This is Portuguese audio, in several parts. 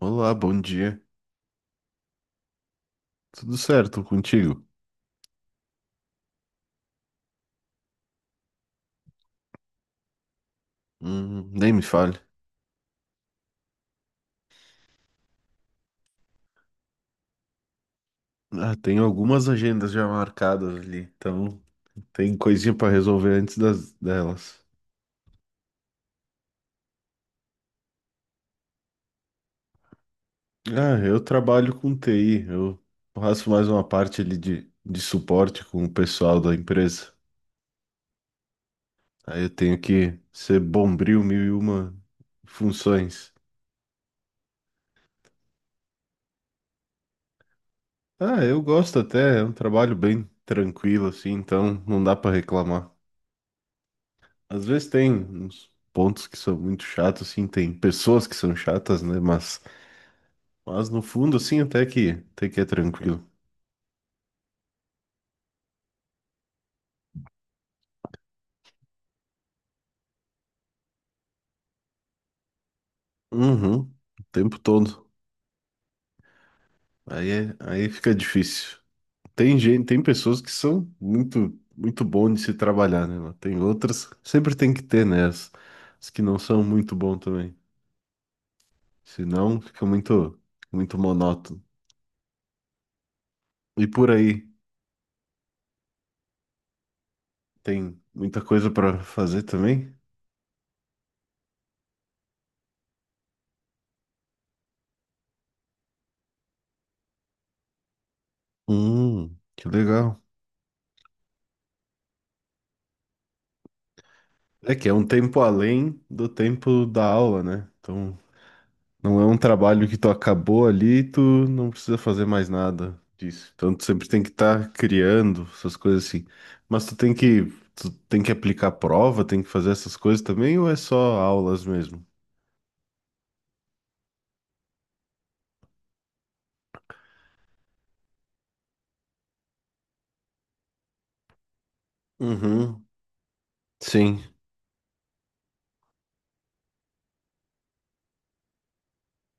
Olá, bom dia. Tudo certo contigo? Nem me fale. Ah, tem algumas agendas já marcadas ali, então tem coisinha para resolver antes delas. Ah, eu trabalho com TI, eu faço mais uma parte ali de suporte com o pessoal da empresa. Aí eu tenho que ser bombril mil e uma funções. Ah, eu gosto até, é um trabalho bem tranquilo assim, então não dá para reclamar. Às vezes tem uns pontos que são muito chatos, assim, tem pessoas que são chatas, né? Mas no fundo, assim, até que é tranquilo. Uhum, o tempo todo. Aí fica difícil. Tem pessoas que são muito, muito bom de se trabalhar, né? Mas tem outras, sempre tem que ter, né? As que não são muito bom também. Senão fica muito, muito monótono. E por aí, tem muita coisa para fazer também? Que legal. É que é um tempo além do tempo da aula, né? Então, não é um trabalho que tu acabou ali, e tu não precisa fazer mais nada disso. Então, tu sempre tem que estar criando essas coisas assim. Mas tu tem que aplicar prova, tem que fazer essas coisas também, ou é só aulas mesmo? Uhum, sim.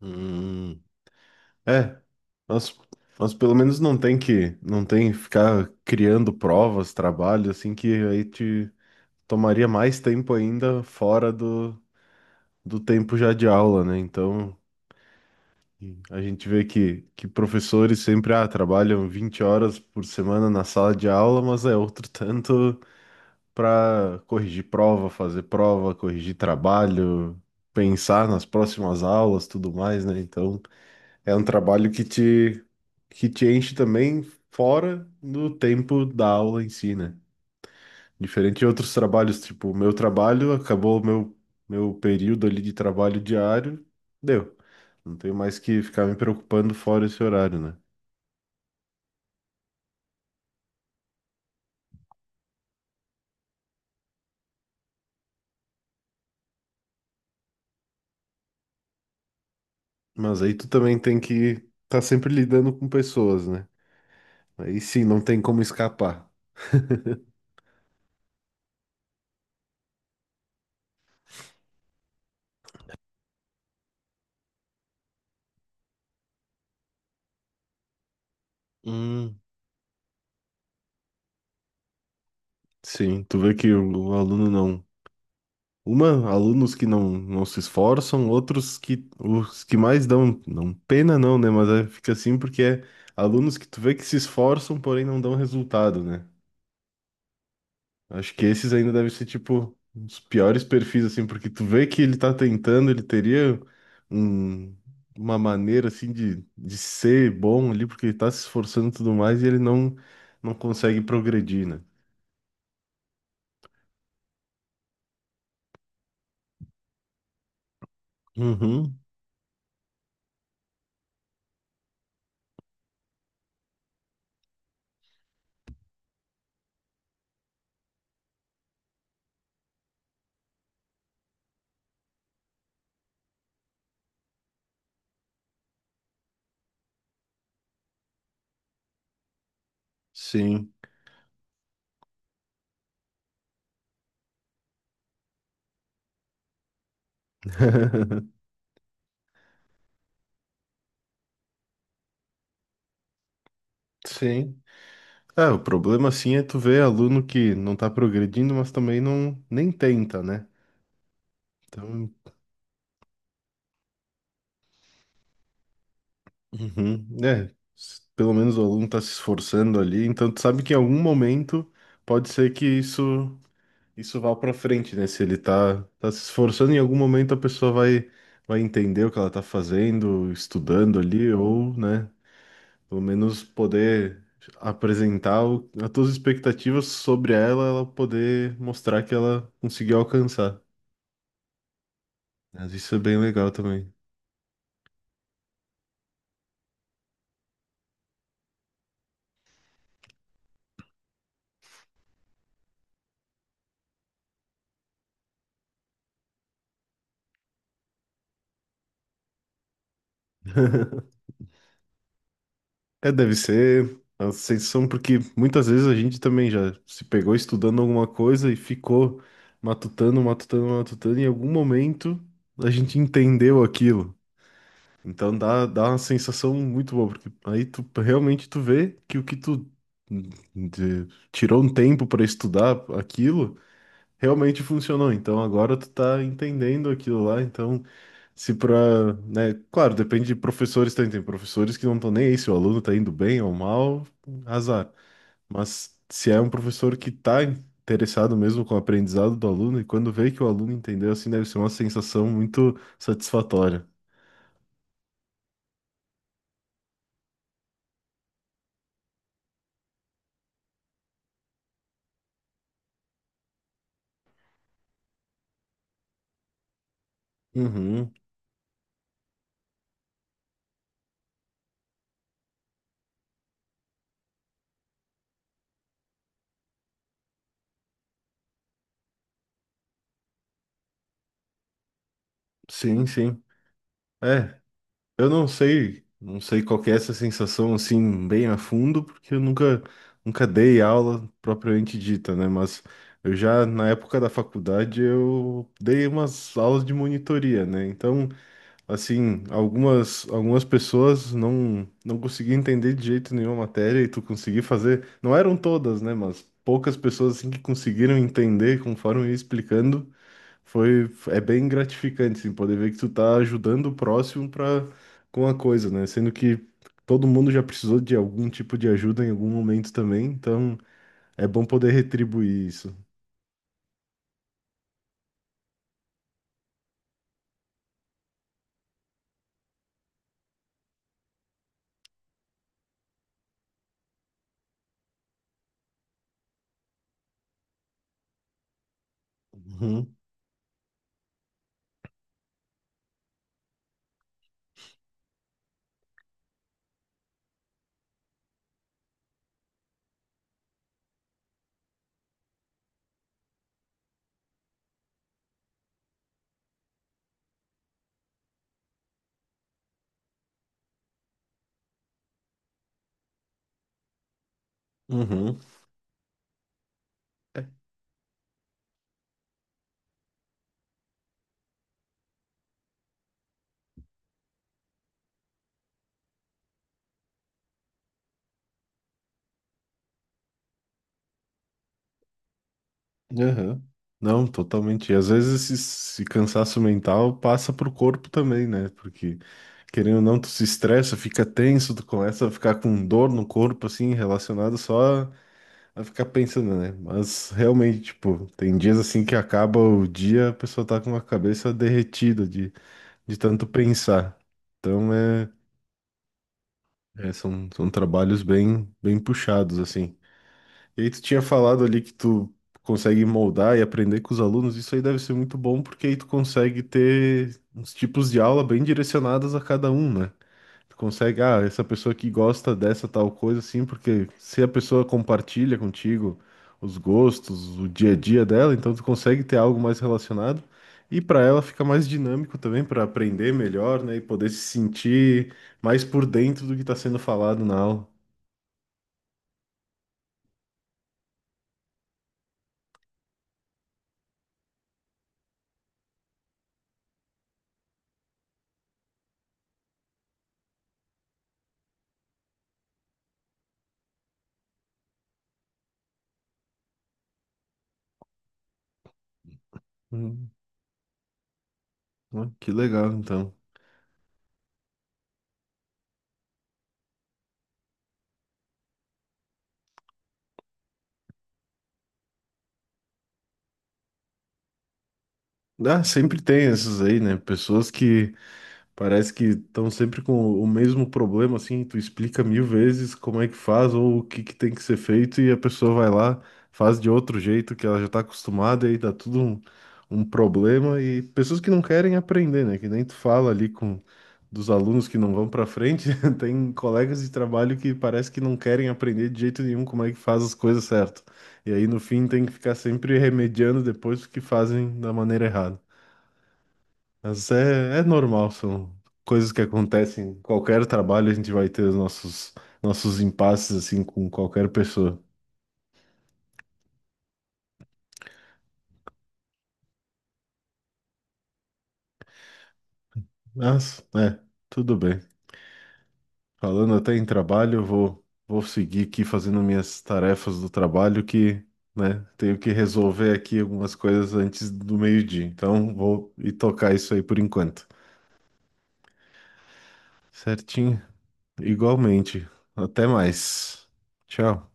Hum, é, mas, mas pelo menos não tem que ficar criando provas, trabalho, assim, que aí te tomaria mais tempo ainda fora do tempo já de aula, né? Então, a gente vê que professores sempre trabalham 20 horas por semana na sala de aula, mas é outro tanto para corrigir prova, fazer prova, corrigir trabalho, pensar nas próximas aulas, tudo mais, né? Então, é um trabalho que te enche também fora do tempo da aula em si, né? Diferente de outros trabalhos, tipo, o meu trabalho acabou o meu período ali de trabalho diário, deu. Não tenho mais que ficar me preocupando fora esse horário, né? Mas aí tu também tem que estar tá sempre lidando com pessoas, né? Aí sim, não tem como escapar. Hum, Sim, tu vê que o aluno não. Alunos que não se esforçam, outros que os que mais dão, não pena não, né? Mas fica assim porque é alunos que tu vê que se esforçam, porém não dão resultado, né? Acho que esses ainda devem ser, tipo, os piores perfis, assim, porque tu vê que ele tá tentando, ele teria um- uma maneira, assim, de ser bom ali, porque ele tá se esforçando e tudo mais, e ele não consegue progredir, né? Uhum, sim. Sim. O problema, assim, é tu ver aluno que não tá progredindo, mas também não, nem tenta, né? Então, uhum, é, pelo menos o aluno está se esforçando ali, então tu sabe que em algum momento pode ser que isso vai pra frente, né? Se ele tá se esforçando, em algum momento a pessoa vai entender o que ela tá fazendo, estudando ali, ou, né, pelo menos poder apresentar as tuas expectativas sobre ela, ela poder mostrar que ela conseguiu alcançar, né? Mas isso é bem legal também. É, deve ser a sensação, porque muitas vezes a gente também já se pegou estudando alguma coisa e ficou matutando, matutando, matutando, e em algum momento a gente entendeu aquilo. Então dá uma sensação muito boa, porque aí tu realmente tu vê que o que tu de- tirou um tempo para estudar aquilo realmente funcionou. Então agora tu tá entendendo aquilo lá. Então, se pra, né, claro, depende de professores também. Tem professores que não estão nem aí se o aluno tá indo bem ou mal, azar. Mas se é um professor que tá interessado mesmo com o aprendizado do aluno, e quando vê que o aluno entendeu, assim, deve ser uma sensação muito satisfatória. Uhum, sim, sim. É, eu não sei qual que é essa sensação assim bem a fundo, porque eu nunca dei aula propriamente dita, né? Mas eu já na época da faculdade eu dei umas aulas de monitoria, né? Então, assim, algumas pessoas não conseguiam entender de jeito nenhum a matéria e tu conseguir fazer. Não eram todas, né? Mas poucas pessoas assim, que conseguiram entender conforme eu ia explicando. É bem gratificante, assim, poder ver que tu tá ajudando o próximo com a coisa, né? Sendo que todo mundo já precisou de algum tipo de ajuda em algum momento também, então é bom poder retribuir isso. Uhum, uhum. Aham. Não, totalmente. E às vezes esse cansaço mental passa pro corpo também, né? Porque, querendo ou não, tu se estressa, fica tenso, tu começa a ficar com dor no corpo, assim, relacionado só a ficar pensando, né? Mas realmente, tipo, tem dias assim que acaba o dia, a pessoa tá com a cabeça derretida de tanto pensar. Então, é, são trabalhos bem, bem puxados, assim. E aí tu tinha falado ali que tu consegue moldar e aprender com os alunos, isso aí deve ser muito bom, porque aí tu consegue ter uns tipos de aula bem direcionadas a cada um, né? Tu consegue, ah, essa pessoa aqui gosta dessa tal coisa, assim, porque se a pessoa compartilha contigo os gostos, o dia a dia dela, então tu consegue ter algo mais relacionado. E para ela fica mais dinâmico também para aprender melhor, né? E poder se sentir mais por dentro do que está sendo falado na aula. Hum, Ó, que legal, então. Ah, sempre tem essas aí, né? Pessoas que parece que estão sempre com o mesmo problema, assim, tu explica mil vezes como é que faz ou o que que tem que ser feito e a pessoa vai lá, faz de outro jeito que ela já tá acostumada e aí dá tudo um problema e pessoas que não querem aprender, né? Que nem tu fala ali com dos alunos que não vão pra frente, tem colegas de trabalho que parece que não querem aprender de jeito nenhum como é que faz as coisas certo. E aí no fim tem que ficar sempre remediando depois o que fazem da maneira errada. Mas é normal, são coisas que acontecem em qualquer trabalho. A gente vai ter os nossos impasses assim com qualquer pessoa. Mas, é, tudo bem. Falando até em trabalho, eu vou seguir aqui fazendo minhas tarefas do trabalho que, né, tenho que resolver aqui algumas coisas antes do meio-dia. Então, vou ir tocar isso aí por enquanto. Certinho? Igualmente. Até mais. Tchau.